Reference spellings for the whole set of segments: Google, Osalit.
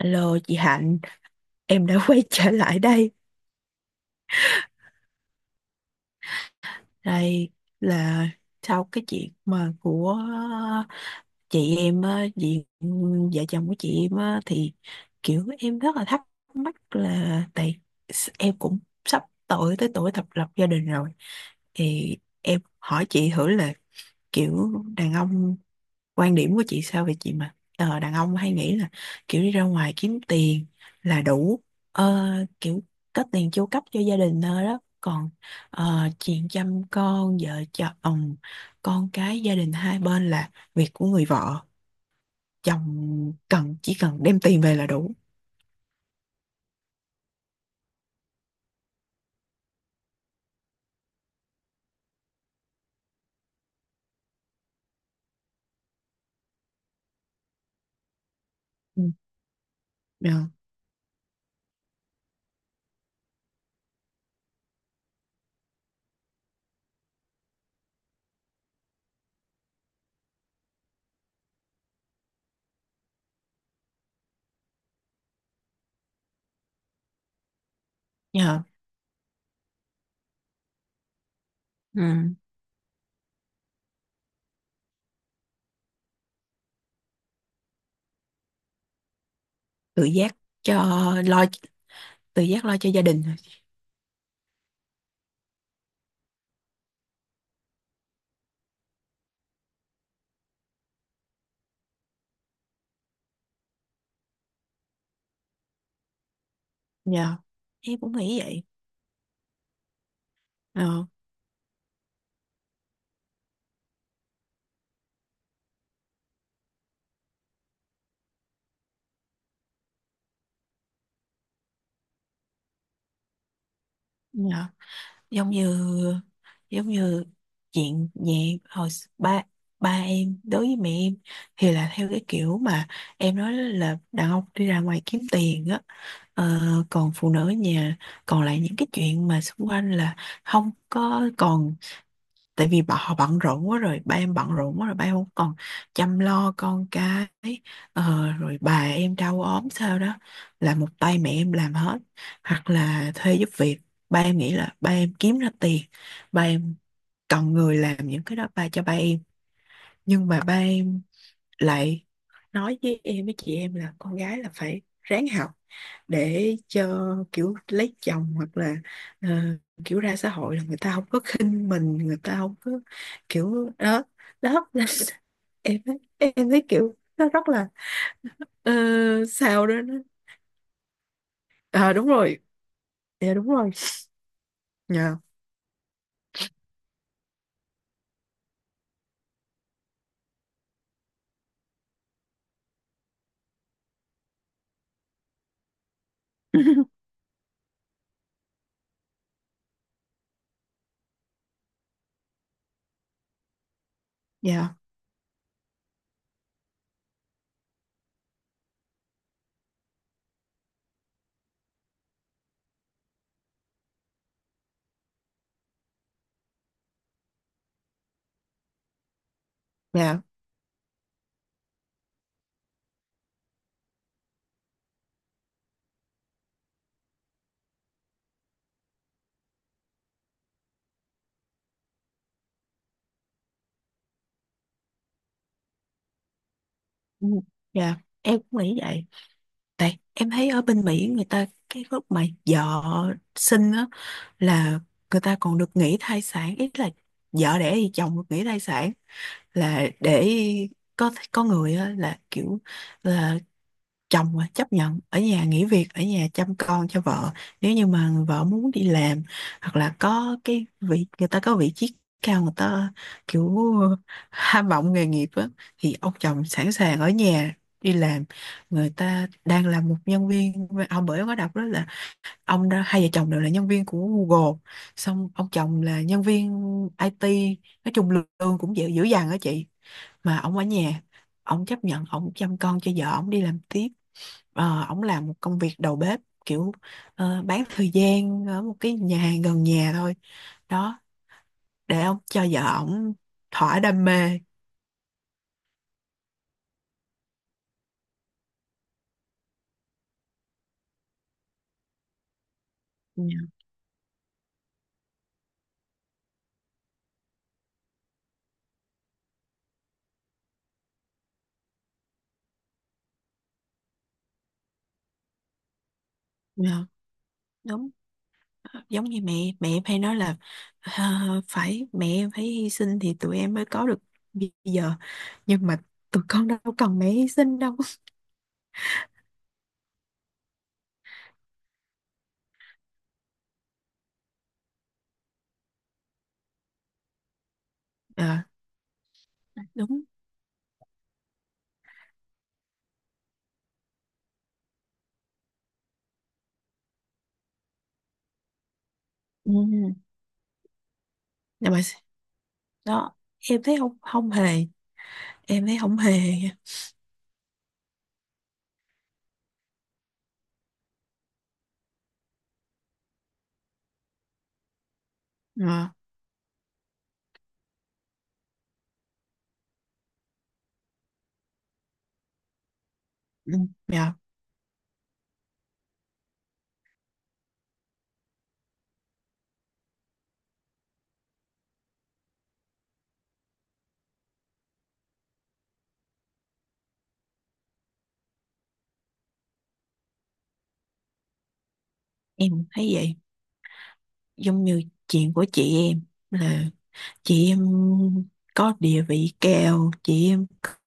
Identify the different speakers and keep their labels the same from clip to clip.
Speaker 1: Alo chị Hạnh, em đã quay trở lại đây. Đây là sau cái chuyện mà của chị em, á, chị vợ chồng của chị em á, thì kiểu em rất là thắc mắc là tại em cũng sắp tuổi tới tuổi thập lập gia đình rồi thì em hỏi chị thử là kiểu đàn ông quan điểm của chị sao về chị mà đàn ông hay nghĩ là kiểu đi ra ngoài kiếm tiền là đủ, ờ, kiểu có tiền chu cấp cho gia đình thôi đó, còn chuyện chăm con vợ chồng con cái gia đình hai bên là việc của người vợ, chồng cần chỉ cần đem tiền về là đủ. Ừ. Dạ. Dạ. Ừ. Tự giác cho lo, tự giác lo cho gia đình. Dạ. Em cũng nghĩ vậy. Ờ. Dạ. Giống như, giống như chuyện nhẹ hồi ba, ba em đối với mẹ em thì là theo cái kiểu mà em nói là đàn ông đi ra ngoài kiếm tiền á. Ờ, Còn phụ nữ ở nhà, còn lại những cái chuyện mà xung quanh là không có, còn tại vì bà họ bận rộn quá rồi, ba em bận rộn quá rồi, ba em không còn chăm lo con cái, rồi bà em đau ốm sao đó, là một tay mẹ em làm hết hoặc là thuê giúp việc. Ba em nghĩ là ba em kiếm ra tiền, ba em cần người làm những cái đó ba cho ba em. Nhưng mà ba em lại nói với em với chị em là con gái là phải ráng học để cho kiểu lấy chồng hoặc là ờ, kiểu ra xã hội là người ta không có khinh mình, người ta không có kiểu đó. Đó Nên em thấy, em thấy kiểu nó rất là, ờ, sao đó nó, à đúng rồi. Dạ, đúng rồi. Dạ. dạ. Dạ. Ừ, dạ, em cũng nghĩ vậy. Tại em thấy ở bên Mỹ người ta cái lúc mà vợ sinh á, là người ta còn được nghỉ thai sản ít, là vợ đẻ thì chồng được nghỉ thai sản là để có người á, là kiểu là chồng mà chấp nhận ở nhà, nghỉ việc ở nhà chăm con cho vợ nếu như mà người vợ muốn đi làm. Hoặc là có cái vị, người ta có vị trí cao, người ta kiểu ham vọng nghề nghiệp á, thì ông chồng sẵn sàng ở nhà đi làm. Người ta đang là một nhân viên ông, bởi ông có đọc đó là ông đó hai vợ chồng đều là nhân viên của Google. Xong ông chồng là nhân viên IT, nói chung lương cũng dữ, dữ dằn á chị. Mà ông ở nhà, ông chấp nhận ông chăm con cho vợ, ông đi làm tiếp. Ông làm một công việc đầu bếp kiểu bán thời gian ở một cái nhà hàng gần nhà thôi. Đó, để ông cho vợ ông thỏa đam mê. Dạ, dạ, đúng. Giống như mẹ, mẹ em hay nói là "Ờ, phải mẹ em phải hy sinh thì tụi em mới có được bây giờ, nhưng mà tụi con đâu cần mẹ hy sinh đâu". Ờ, đúng. Ừ. Nhưng mà đó, em thấy không, không hề, em thấy không hề nha. Ờ. Ừ. Dạ, em thấy vậy. Giống như chuyện của chị em là chị em có địa vị cao, chị em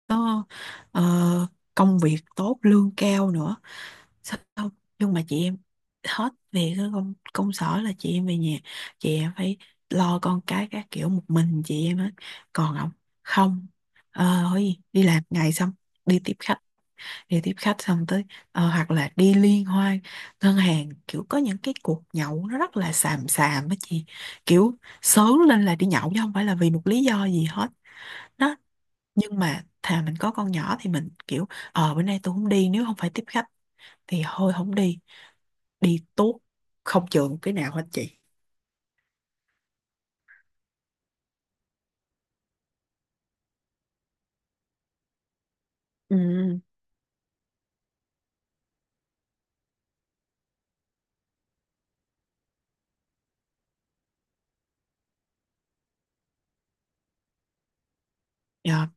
Speaker 1: có ờ, công việc tốt, lương cao nữa. Sao không? Nhưng mà chị em hết việc cái công công sở là chị em về nhà, chị em phải lo con cái các kiểu một mình chị em hết. Còn ông không. Ờ thôi gì, đi làm ngày xong đi tiếp khách, đi tiếp khách xong tới hoặc là đi liên hoan ngân hàng, kiểu có những cái cuộc nhậu nó rất là xàm xàm á chị. Kiểu sớm lên là đi nhậu chứ không phải là vì một lý do gì hết. Đó, nhưng mà thà mình có con nhỏ thì mình kiểu ờ bữa nay tôi không đi, nếu không phải tiếp khách thì thôi không đi, đi tốt, không chừa cái nào hết chị. Ừ. Dạ.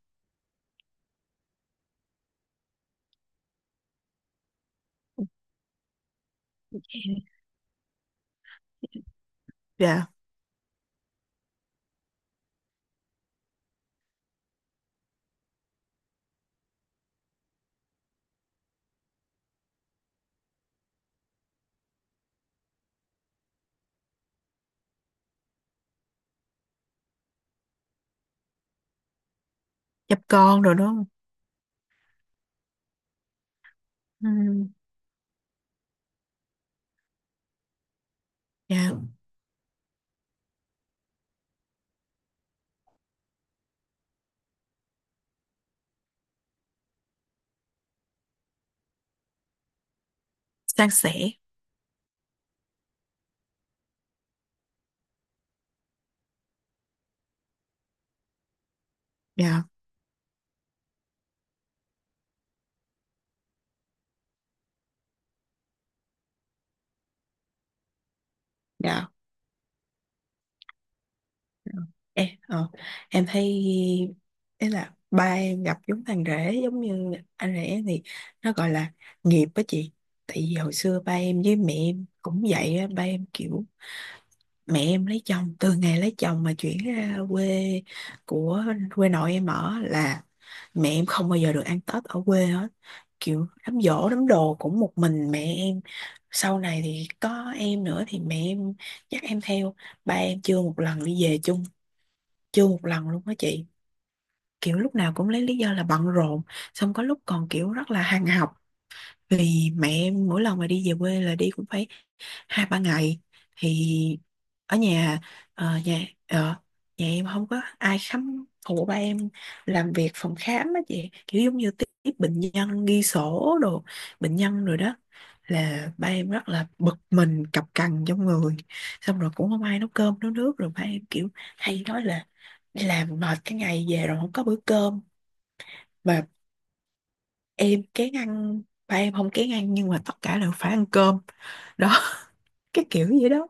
Speaker 1: Dạ. Chăm con rồi đúng không. Ừ. Dạ. San sẻ. Dạ. Dạ. Em em thấy ý là ba em gặp giống thằng rể, giống như anh rể thì nó gọi là nghiệp á chị. Tại vì hồi xưa ba em với mẹ em cũng vậy á, ba em kiểu mẹ em lấy chồng từ ngày lấy chồng mà chuyển ra quê, của quê nội em ở là mẹ em không bao giờ được ăn Tết ở quê hết. Kiểu đám giỗ đám đồ cũng một mình mẹ em, sau này thì có em nữa thì mẹ em dắt em theo, ba em chưa một lần đi về chung, chưa một lần luôn đó chị. Kiểu lúc nào cũng lấy lý do là bận rộn, xong có lúc còn kiểu rất là hàng học. Vì mẹ em mỗi lần mà đi về quê là đi cũng phải hai ba ngày, thì ở nhà, nhà nhà em không có ai khám phụ ba em làm việc phòng khám á chị, kiểu giống như tiếp, tiếp bệnh nhân ghi sổ đồ bệnh nhân rồi đó, là ba em rất là bực mình cọc cằn trong người. Xong rồi cũng không ai nấu cơm nấu nước, rồi ba em kiểu hay nói là đi làm mệt cái ngày về rồi không có bữa cơm. Mà em kén ăn, ba em không kén ăn nhưng mà tất cả đều phải ăn cơm. Đó cái kiểu vậy đó.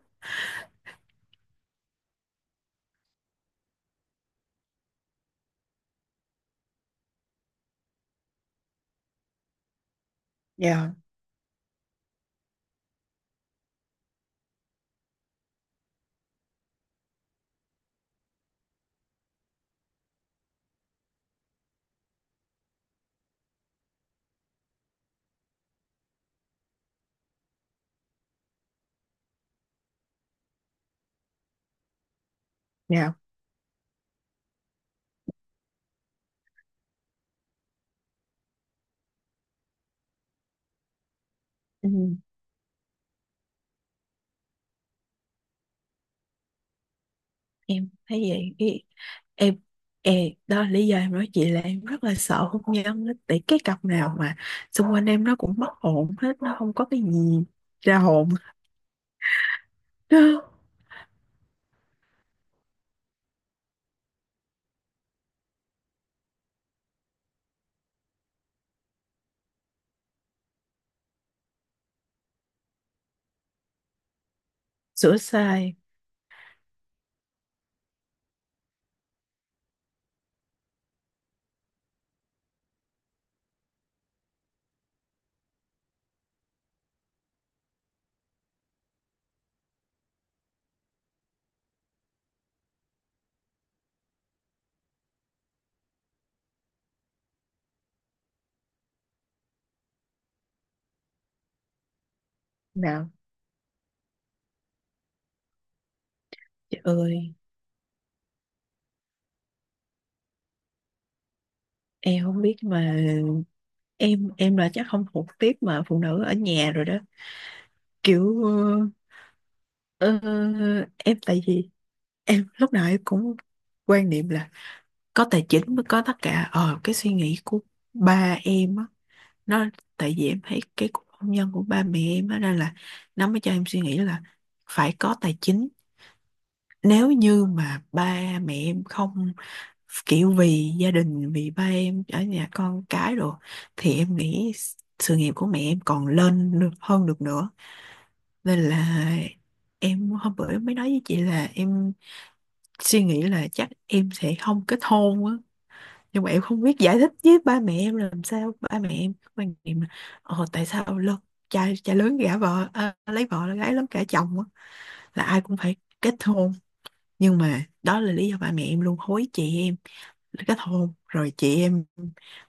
Speaker 1: Dạ. Dạ. Ừ, em thấy vậy. Ý, em, ê, đó là lý do em nói chị là em rất là sợ hôn nhân á. Tại cái cặp nào mà xung quanh em nó cũng mất hồn hết, nó không có cái gì ra hồn. Nó sửa sai nào. Trời ơi, em không biết mà. Em là chắc không thuộc tiếp mà phụ nữ ở nhà rồi đó. Kiểu Ờ, em tại vì em lúc nào em cũng quan niệm là có tài chính mới có tất cả. Ờ cái suy nghĩ của ba em á nó, tại vì em thấy cái cuộc hôn nhân của ba mẹ em á nên là nó mới cho em suy nghĩ là phải có tài chính. Nếu như mà ba mẹ em không kiểu vì gia đình, vì ba em ở nhà con cái rồi, thì em nghĩ sự nghiệp của mẹ em còn lên được hơn được nữa. Nên là em hôm bữa em mới nói với chị là em suy nghĩ là chắc em sẽ không kết hôn á. Nhưng mà em không biết giải thích với ba mẹ em làm sao, ba mẹ em có quan niệm là ờ tại sao lớn, cha cha lớn gả vợ, à, lấy vợ là gái lớn gả chồng á, là ai cũng phải kết hôn. Nhưng mà đó là lý do ba mẹ em luôn hối chị em kết hôn, rồi chị em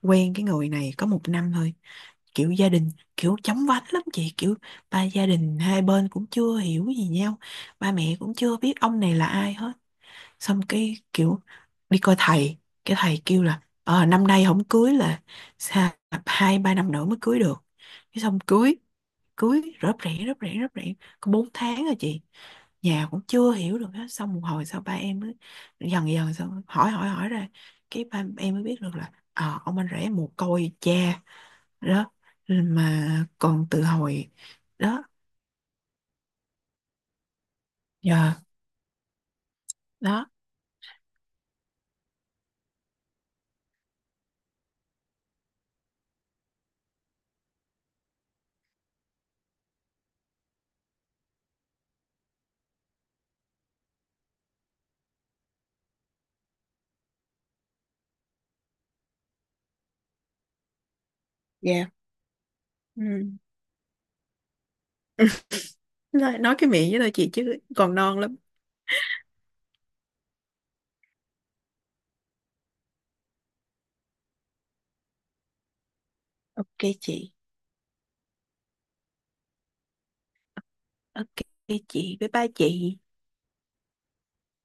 Speaker 1: quen cái người này có một năm thôi, kiểu gia đình kiểu chóng vánh lắm chị, kiểu ba gia đình hai bên cũng chưa hiểu gì nhau, ba mẹ cũng chưa biết ông này là ai hết. Xong cái kiểu đi coi thầy, cái thầy kêu là ờ năm nay không cưới là sao, hai ba năm nữa mới cưới được. Cái xong cưới, cưới rớp rẻ rớp rẻ rớp rẻ có bốn tháng rồi chị, nhà cũng chưa hiểu được hết. Xong một hồi sau ba em mới dần dần xong hỏi, hỏi hỏi ra cái ba em mới biết được là ờ, ông anh rể mồ côi cha. Đó, mà còn từ hồi đó giờ. Đó. Ừ. Nói cái miệng với tôi chị chứ còn non lắm. OK chị. OK chị, bye bye chị.